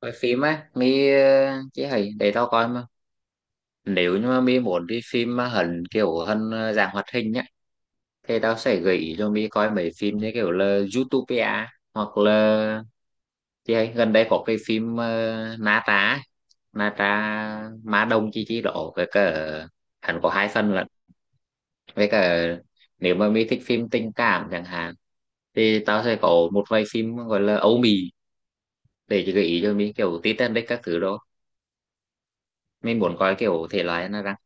Coi phim á mi? Ờ, chỉ hay để tao coi mà. Nếu như mà mi muốn đi phim mà hẳn kiểu hơn dạng hoạt hình nhá, thì tao sẽ gợi ý cho mi coi mấy phim như kiểu là Zootopia, hoặc là chị hay gần đây có cái phim Na Tra, Na Tra Ma Đông chi chi đó, với cả hẳn có hai phần lận, với cả nếu mà mi thích phim tình cảm chẳng hạn thì tao sẽ có một vài phim gọi là Âu Mỹ để gợi ý cho mi, kiểu Titanic các thứ đó. Mình muốn coi kiểu thể loại nào ra.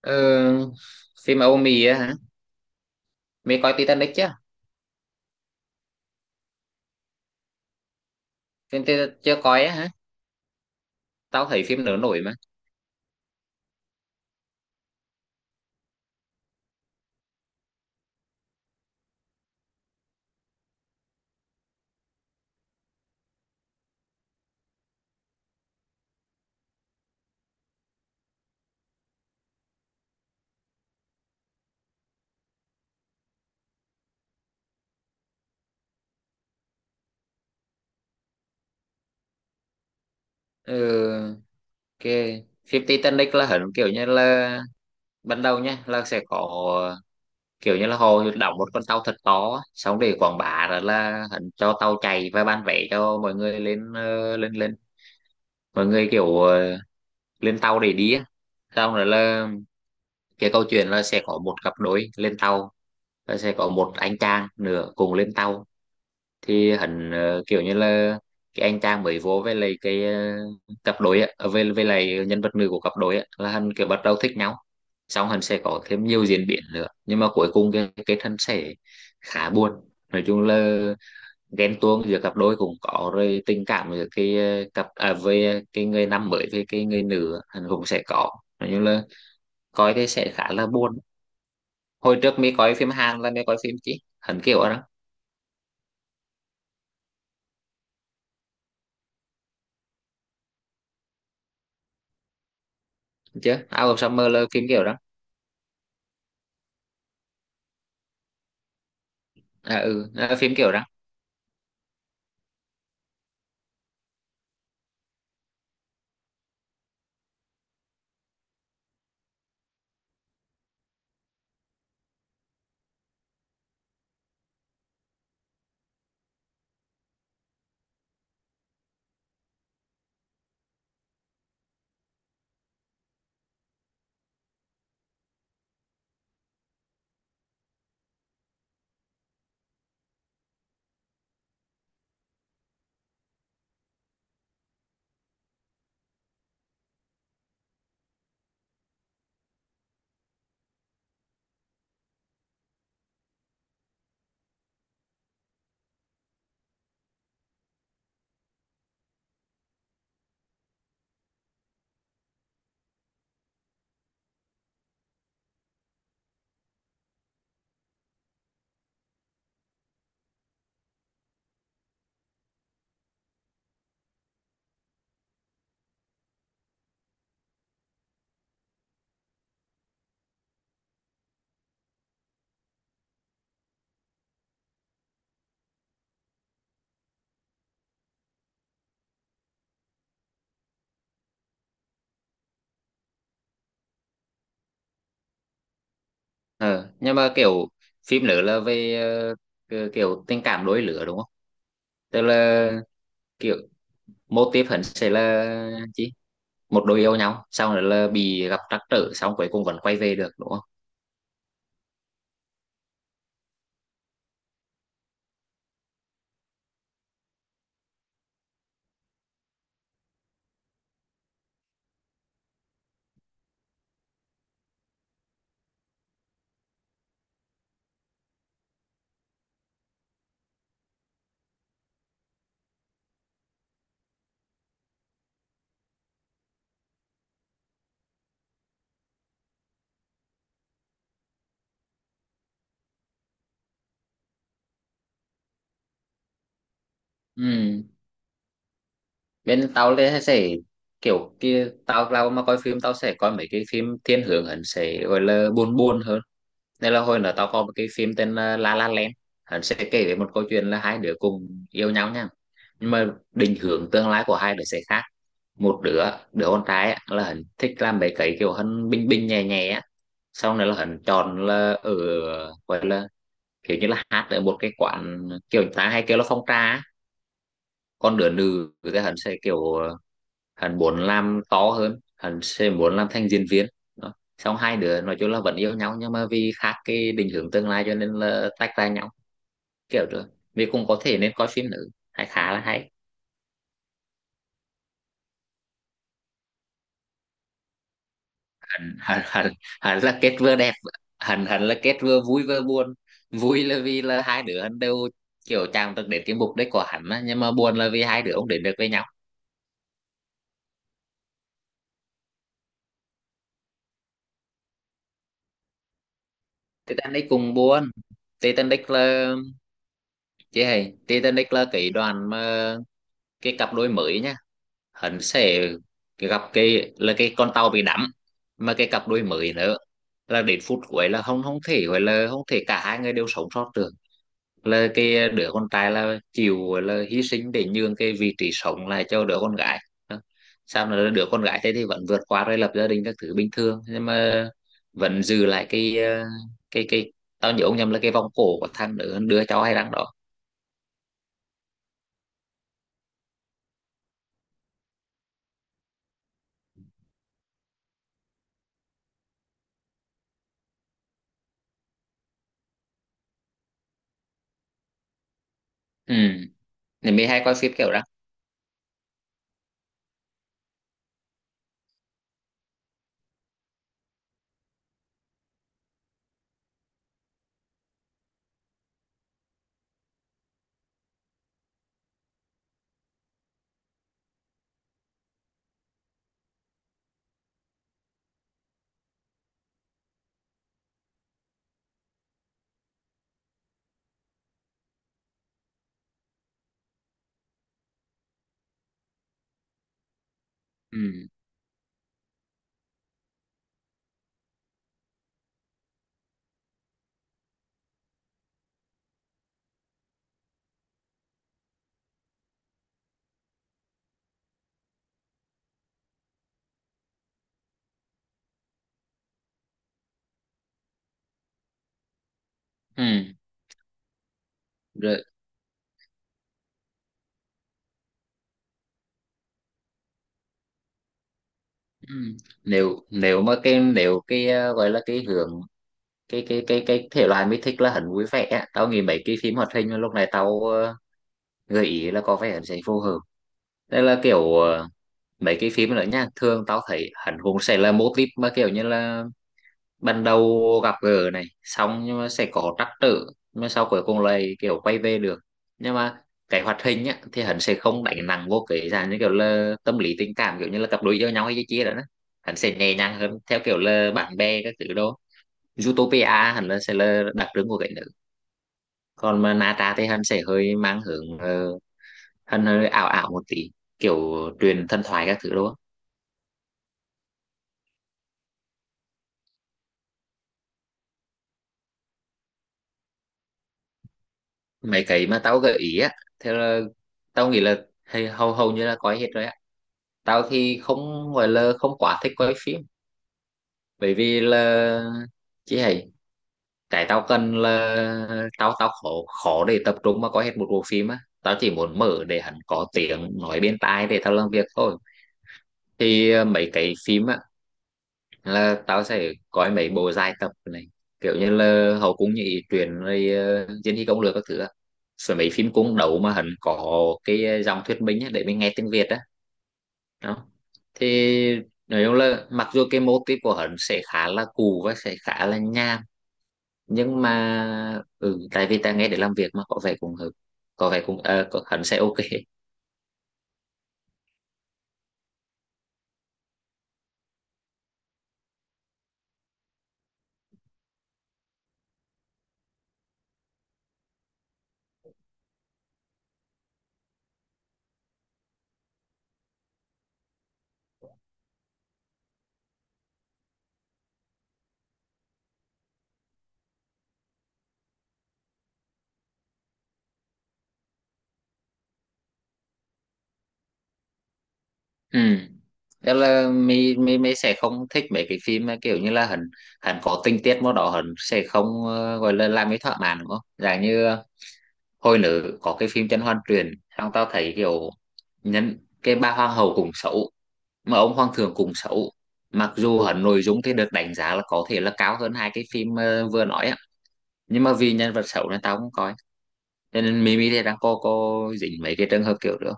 Ờ, Phim Âu Mỹ á hả? Mày coi Titanic chưa? Phim ti Chưa coi á hả? Tao thấy phim nữa nổi mà. Ờ, ok. Phim Titanic là hẳn kiểu như là ban đầu nha, là sẽ có kiểu như là họ đóng một con tàu thật to á, xong để quảng bá rồi là hẳn cho tàu chạy và bán vé cho mọi người lên lên lên mọi người kiểu lên tàu để đi á. Xong rồi là cái câu chuyện là sẽ có một cặp đôi lên tàu, và sẽ có một anh chàng nữa cùng lên tàu, thì hắn kiểu như là cái anh chàng mới vô với lại cặp đôi á, ờ, với lại nhân vật nữ của cặp đôi á, là hắn kiểu bắt đầu thích nhau. Xong hắn sẽ có thêm nhiều diễn biến nữa, nhưng mà cuối cùng cái thân sẽ khá buồn. Nói chung là ghen tuông giữa cặp đôi cũng có, rồi tình cảm giữa cặp à, với cái người nam mới với cái người nữ á, hắn cũng sẽ có. Nói chung là coi cái sẽ khá là buồn. Hồi trước mới coi phim Hàn là mới coi phim chứ hắn kiểu đó. Chứ Out of Summer là phim kiểu đó. À ừ à, phim kiểu đó. Ờ nhưng mà kiểu phim nữa là về kiểu kiểu tình cảm đôi lứa đúng không? Tức là kiểu mô típ hẳn sẽ là chi một đôi yêu nhau, xong rồi là bị gặp trắc trở, xong cuối cùng vẫn quay về được đúng không? Ừ, bên tao thì sẽ kiểu kia, tao tao mà coi phim tao sẽ coi mấy cái phim thiên hướng hẳn sẽ gọi là buồn, buồn hơn. Nên là hồi nữa tao có một cái phim tên là La La Land, hắn sẽ kể về một câu chuyện là hai đứa cùng yêu nhau nha, nhưng mà định hướng tương lai của hai đứa sẽ khác. Một đứa Đứa con trai á, là hắn thích làm mấy cái kiểu hắn bình bình nhẹ nhẹ á, sau này là hắn chọn là ở, gọi là kiểu như là hát ở một cái quán kiểu người ta hay kêu là phong trà á. Còn đứa nữ thì hắn sẽ kiểu hắn muốn làm to hơn, hắn sẽ muốn làm thành diễn viên. Đó. Xong hai đứa nói chung là vẫn yêu nhau, nhưng mà vì khác cái định hướng tương lai cho nên là tách ra nhau kiểu rồi. Vì cũng có thể nên coi phim nữ hay, khá là hay. hắn hắn hắn, Hắn là kết vừa đẹp, hắn hắn là kết vừa vui vừa buồn. Vui là vì là hai đứa hắn đều kiểu chàng được đến cái mục đích của hắn á, nhưng mà buồn là vì hai đứa không đến được với nhau. Titanic cùng buồn. Titanic là chị hay Titanic là cái đoàn mà cái cặp đôi mới nhá, hắn sẽ gặp cái là cái con tàu bị đắm. Mà cái cặp đôi mới nữa là đến phút cuối là không không thể gọi là không thể cả hai người đều sống sót được, là cái đứa con trai là chịu gọi là hy sinh để nhường cái vị trí sống lại cho đứa con gái. Sao là đứa con gái thế thì vẫn vượt qua, rồi lập gia đình các thứ bình thường, nhưng mà vẫn giữ lại cái tao nhớ ông nhầm là cái vòng cổ của thằng đứa đứa cháu hay đang đó. Ừ, thì mới hay coi phim kiểu đó. Ừ. Ừ. Rồi. Ừ. Nếu nếu mà cái nếu cái gọi là cái hướng, cái thể loại mình thích là hắn vui vẻ á, tao nghĩ mấy cái phim hoạt hình mà lúc này tao gợi ý là có vẻ hắn sẽ phù hợp. Đây là kiểu mấy cái phim nữa nha, thường tao thấy hắn cũng sẽ là mô típ mà kiểu như là ban đầu gặp gỡ này, xong nhưng mà sẽ có trắc trở, nhưng mà sau cuối cùng lại kiểu quay về được. Nhưng mà cái hoạt hình á thì hắn sẽ không đánh nặng vô cái dạng như kiểu là tâm lý tình cảm, kiểu như là cặp đôi yêu nhau hay cái chia đó đó. Hắn sẽ nhẹ nhàng hơn theo kiểu là bạn bè các thứ đó. Zootopia hắn là sẽ là đặc trưng của cái nữ, còn mà Nata thì hắn sẽ hơi mang hướng hắn hơi ảo ảo một tí, kiểu truyền thần thoại các thứ đó. Mấy cái mà tao gợi ý á, theo là tao nghĩ là hay hầu hầu như là có hết rồi. Tao thì không gọi là không quá thích quay phim, bởi vì là chỉ hay cái tao cần là tao tao khó, khó để tập trung mà coi hết một bộ phim á, tao chỉ muốn mở để hắn có tiếng nói bên tai để tao làm việc thôi. Thì mấy cái phim á là tao sẽ coi mấy bộ dài tập này, kiểu như là hậu cung như ý truyện, rồi diên hy công lược các thứ á. Rồi mấy phim cung đấu mà hắn có dòng thuyết minh á, để mình nghe tiếng Việt á. Đó, thì nói chung là mặc dù cái mô típ của hắn sẽ khá là cũ và sẽ khá là nham, nhưng mà tại vì ta nghe để làm việc mà có vẻ cũng hợp, có vẻ cũng có, hắn sẽ ok. Ừ. Đó là mi mi mi sẽ không thích mấy cái phim mà kiểu như là hắn, hắn có tình tiết mà đó hắn sẽ không gọi là làm cái thỏa mãn đúng không, dạng như hồi nữ có cái phim Chân Hoan Truyền, xong tao thấy kiểu nhân cái bà hoàng hậu cũng xấu, mà ông Hoàng Thượng cũng xấu. Mặc dù hẳn nội dung thì được đánh giá là có thể là cao hơn hai cái phim vừa nói á, nhưng mà vì nhân vật xấu nên tao không coi. Cho nên Mimi thì đang có dính mấy cái trường hợp kiểu nữa.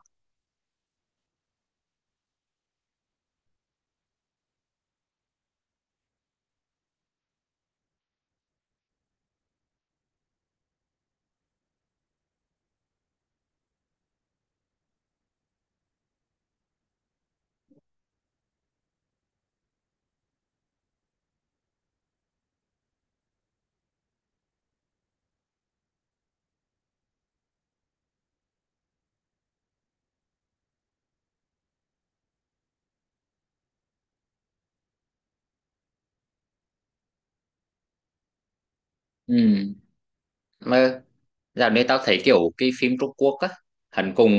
Ừ. Mà dạo này tao thấy kiểu cái phim Trung Quốc á, hẳn cùng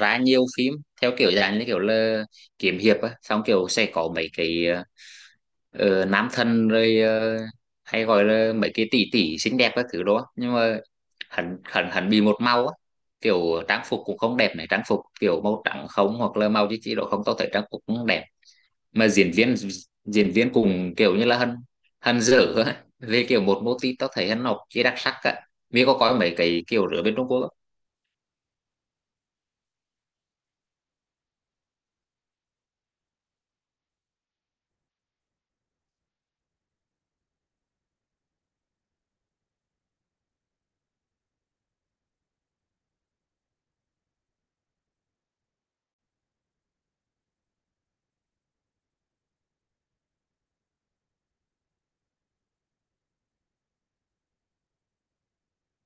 ra nhiều phim theo kiểu dạng như kiểu là kiếm hiệp á, xong kiểu sẽ có mấy cái ở nam thần, rồi hay gọi là mấy cái tỷ tỷ xinh đẹp các thứ đó. Nhưng mà hẳn hẳn hẳn bị một màu á, kiểu trang phục cũng không đẹp này, trang phục kiểu màu trắng không, hoặc là màu chỉ độ không, tao thấy trang phục cũng đẹp. Mà diễn viên cũng kiểu như là hân, hân dở á, về kiểu một mô típ, tao thấy hân học chỉ đặc sắc á, vì có coi mấy cái kiểu rửa bên Trung Quốc á.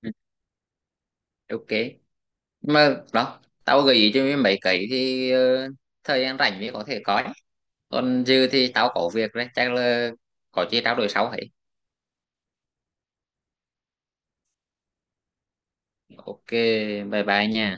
Ừ, ok. Mà đó, tao gợi ý cho mấy mấy cái thì thời gian rảnh mới có thể coi. Còn dư thì tao có việc đấy, chắc là có chi trao đổi sau ấy. Ok, bye bye nha.